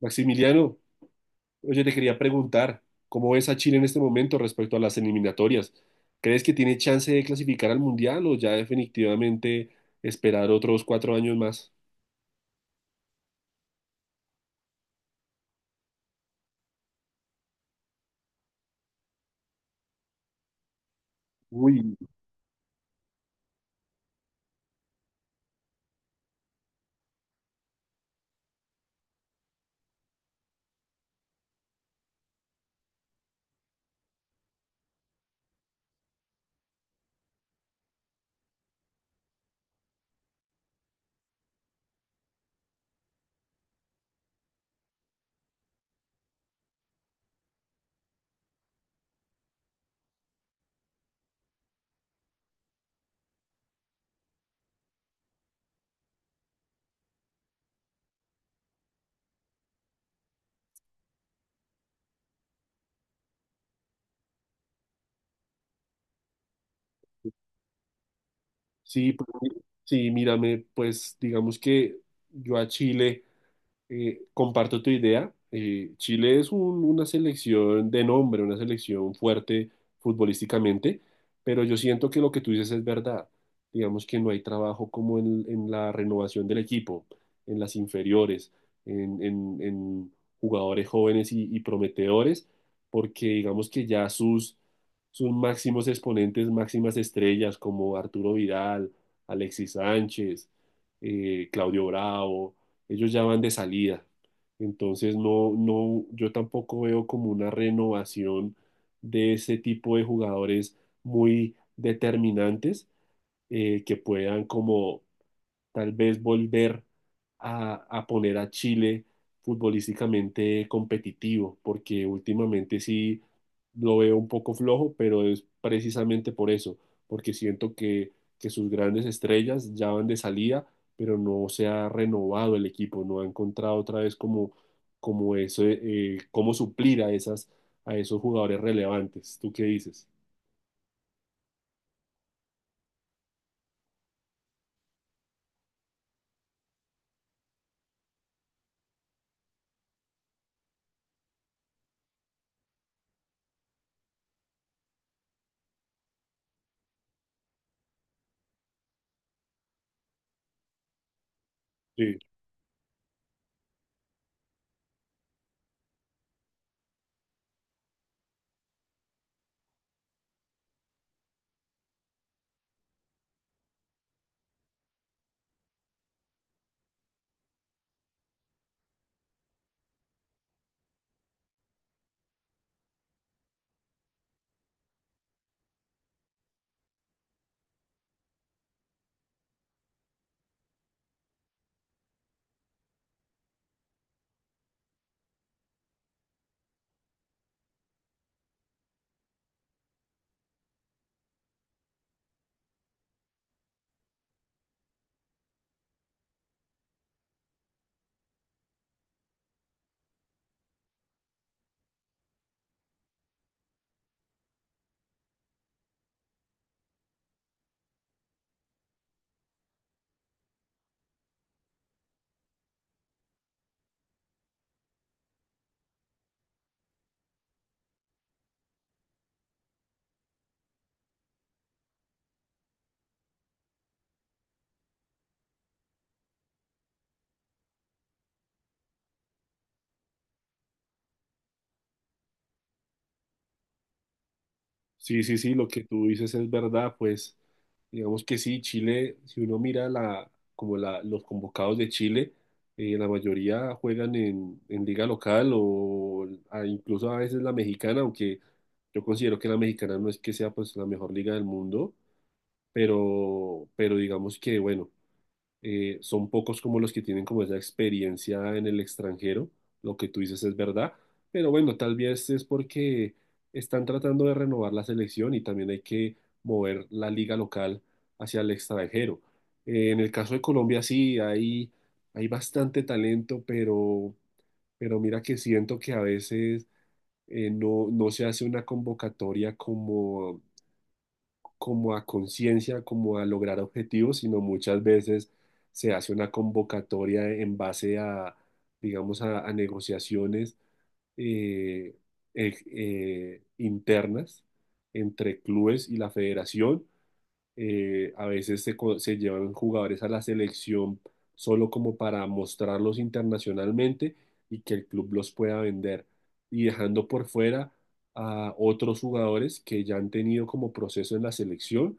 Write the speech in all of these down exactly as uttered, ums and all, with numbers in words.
Maximiliano, oye, te quería preguntar, ¿cómo ves a Chile en este momento respecto a las eliminatorias? ¿Crees que tiene chance de clasificar al Mundial o ya definitivamente esperar otros cuatro años más? Uy, sí, pues, sí, mírame, pues digamos que yo a Chile... Eh, comparto tu idea. Eh, Chile es un- una selección de nombre, una selección fuerte futbolísticamente, pero yo siento que lo que tú dices es verdad. Digamos que no hay trabajo como en, en la renovación del equipo, en las inferiores, en, en- en jugadores jóvenes y, y prometedores, porque digamos que ya sus, sus máximos exponentes, máximas estrellas como Arturo Vidal, Alexis Sánchez, eh, Claudio Bravo ellos ya van de salida. Entonces no, no, yo tampoco veo como una renovación de ese tipo de jugadores muy determinantes, eh, que puedan como tal vez volver a, a poner a Chile futbolísticamente competitivo, porque últimamente sí lo veo un poco flojo, pero es precisamente por eso, porque siento que, que sus grandes estrellas ya van de salida, pero no se ha renovado el equipo, no ha encontrado otra vez como, como eso, eh, cómo suplir a esas, a esos jugadores relevantes. ¿Tú qué dices? Sí, sí, sí, lo que tú dices es verdad, pues digamos que sí, Chile, si uno mira la, como la, los convocados de Chile, eh, la mayoría juegan en, en liga local o a- incluso a veces la mexicana, aunque yo considero que la mexicana no es que sea pues la mejor liga del mundo, pero, pero digamos que bueno, eh, son pocos como los que tienen como esa experiencia en el extranjero. Lo que tú dices es verdad, pero bueno, tal vez es porque están tratando de renovar la selección y también hay que mover la liga local hacia el extranjero. Eh, en el caso de Colombia sí, hay, hay bastante talento, pero, pero mira que siento que a veces, eh, no, no se hace una convocatoria como como a conciencia, como a lograr objetivos, sino muchas veces se hace una convocatoria en base a, digamos, a, a negociaciones eh, eh, eh, internas entre clubes y la federación. Eh, a veces se, co- se llevan jugadores a la selección solo como para mostrarlos internacionalmente y que el club los pueda vender, y dejando por fuera a otros jugadores que ya han tenido como proceso en la selección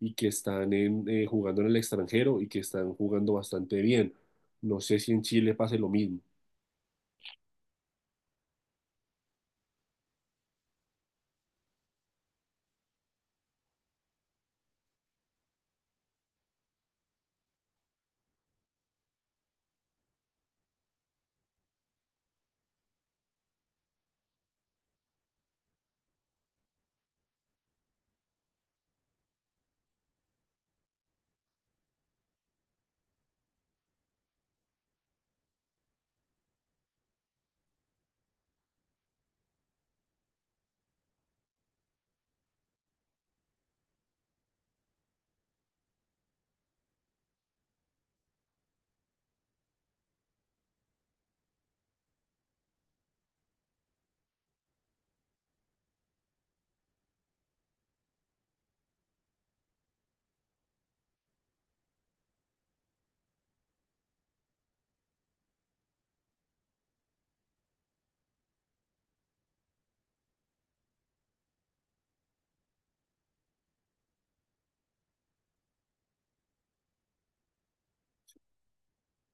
y que están en, eh, jugando en el extranjero y que están jugando bastante bien. No sé si en Chile pase lo mismo.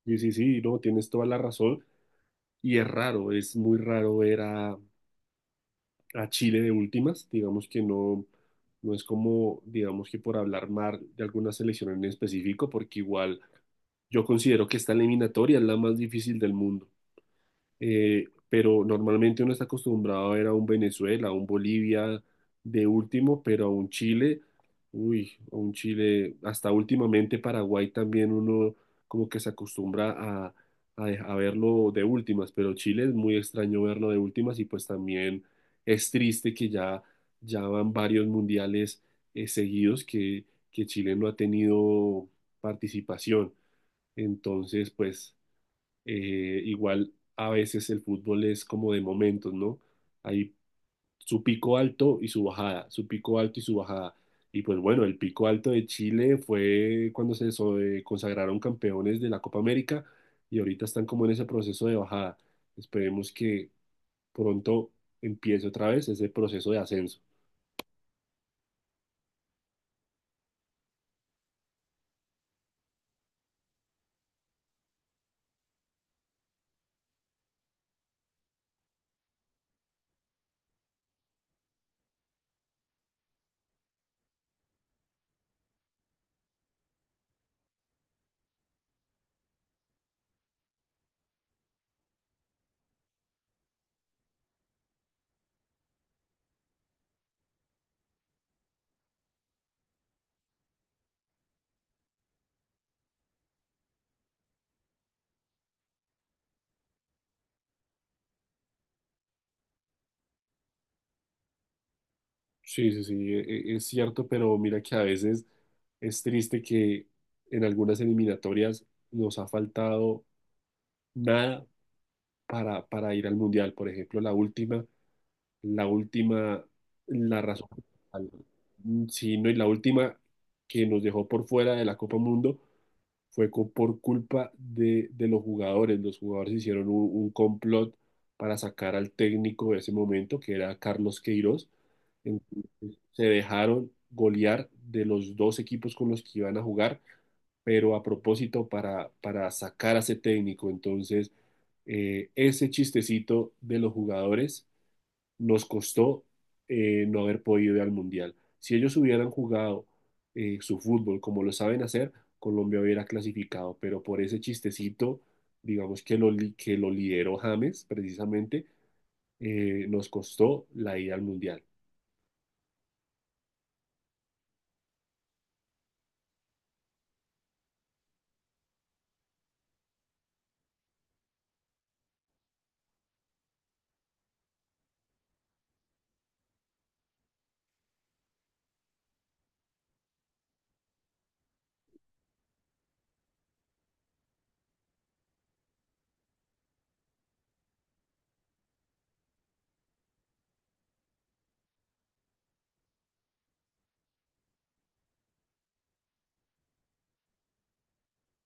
Sí, sí, sí, no, tienes toda la razón. Y es raro, es muy raro ver a, a Chile de últimas, digamos que no, no es como, digamos que por hablar mal de alguna selección en específico, porque igual yo considero que esta eliminatoria es la más difícil del mundo. Eh, pero normalmente uno está acostumbrado a ver a un Venezuela, a un Bolivia de último, pero a un Chile, uy, a un Chile, hasta últimamente Paraguay también uno como que se acostumbra a, a, de- a verlo de últimas, pero Chile es muy extraño verlo de últimas y pues también es triste que ya, ya van varios mundiales, eh, seguidos que, que Chile no ha tenido participación. Entonces, pues... Eh, igual a veces el fútbol es como de momentos, ¿no? Hay su pico alto y su bajada, su pico alto y su bajada. Y pues bueno, el pico alto de Chile fue cuando se so- eh, consagraron campeones de la Copa América y ahorita están como en ese proceso de bajada. Esperemos que pronto empiece otra vez ese proceso de ascenso. Sí, sí, sí, e- e- es cierto, pero mira que a veces es triste que en algunas eliminatorias nos ha faltado nada para, para ir al mundial. Por ejemplo, la última, la última, la razón, al- sí, no, y la última que nos dejó por fuera de la Copa Mundo fue co- por culpa de, de los jugadores. Los jugadores hicieron un, un complot para sacar al técnico de ese momento, que era Carlos Queiroz. Se dejaron golear de los dos equipos con los que iban a jugar, pero a propósito para, para sacar a ese técnico. Entonces, eh, ese chistecito de los jugadores nos costó, eh, no haber podido ir al Mundial. Si ellos hubieran jugado eh, su fútbol como lo saben hacer, Colombia hubiera clasificado, pero por ese chistecito, digamos que lo, li- que lo lideró James precisamente, eh, nos costó la ida al Mundial.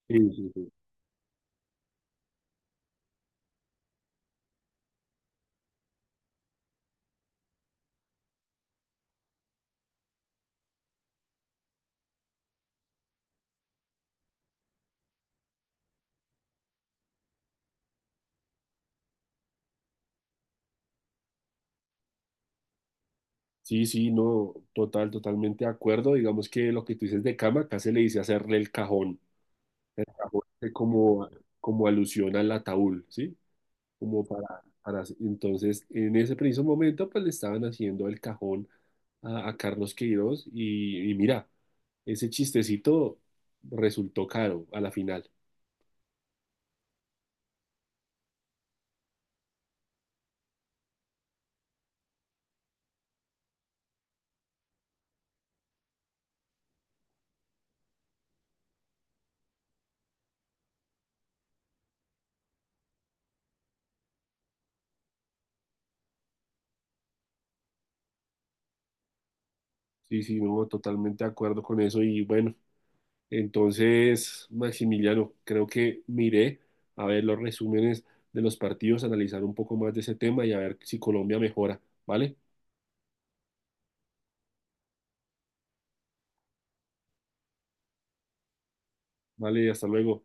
Sí, sí, sí. Sí, sí, no, total, totalmente de acuerdo. Digamos que lo que tú dices de cama, acá se le dice hacerle el cajón. El cajón hace como, como alusión al ataúd, ¿sí? Como para, para... Entonces, en ese preciso momento, pues le estaban haciendo el cajón a, a Carlos Queiroz y, y mira, ese chistecito resultó caro a la final. Sí, sí, no, totalmente de acuerdo con eso. Y bueno, entonces, Maximiliano, creo que miré a ver los resúmenes de los partidos, analizar un poco más de ese tema y a ver si Colombia mejora. ¿Vale? Vale, hasta luego.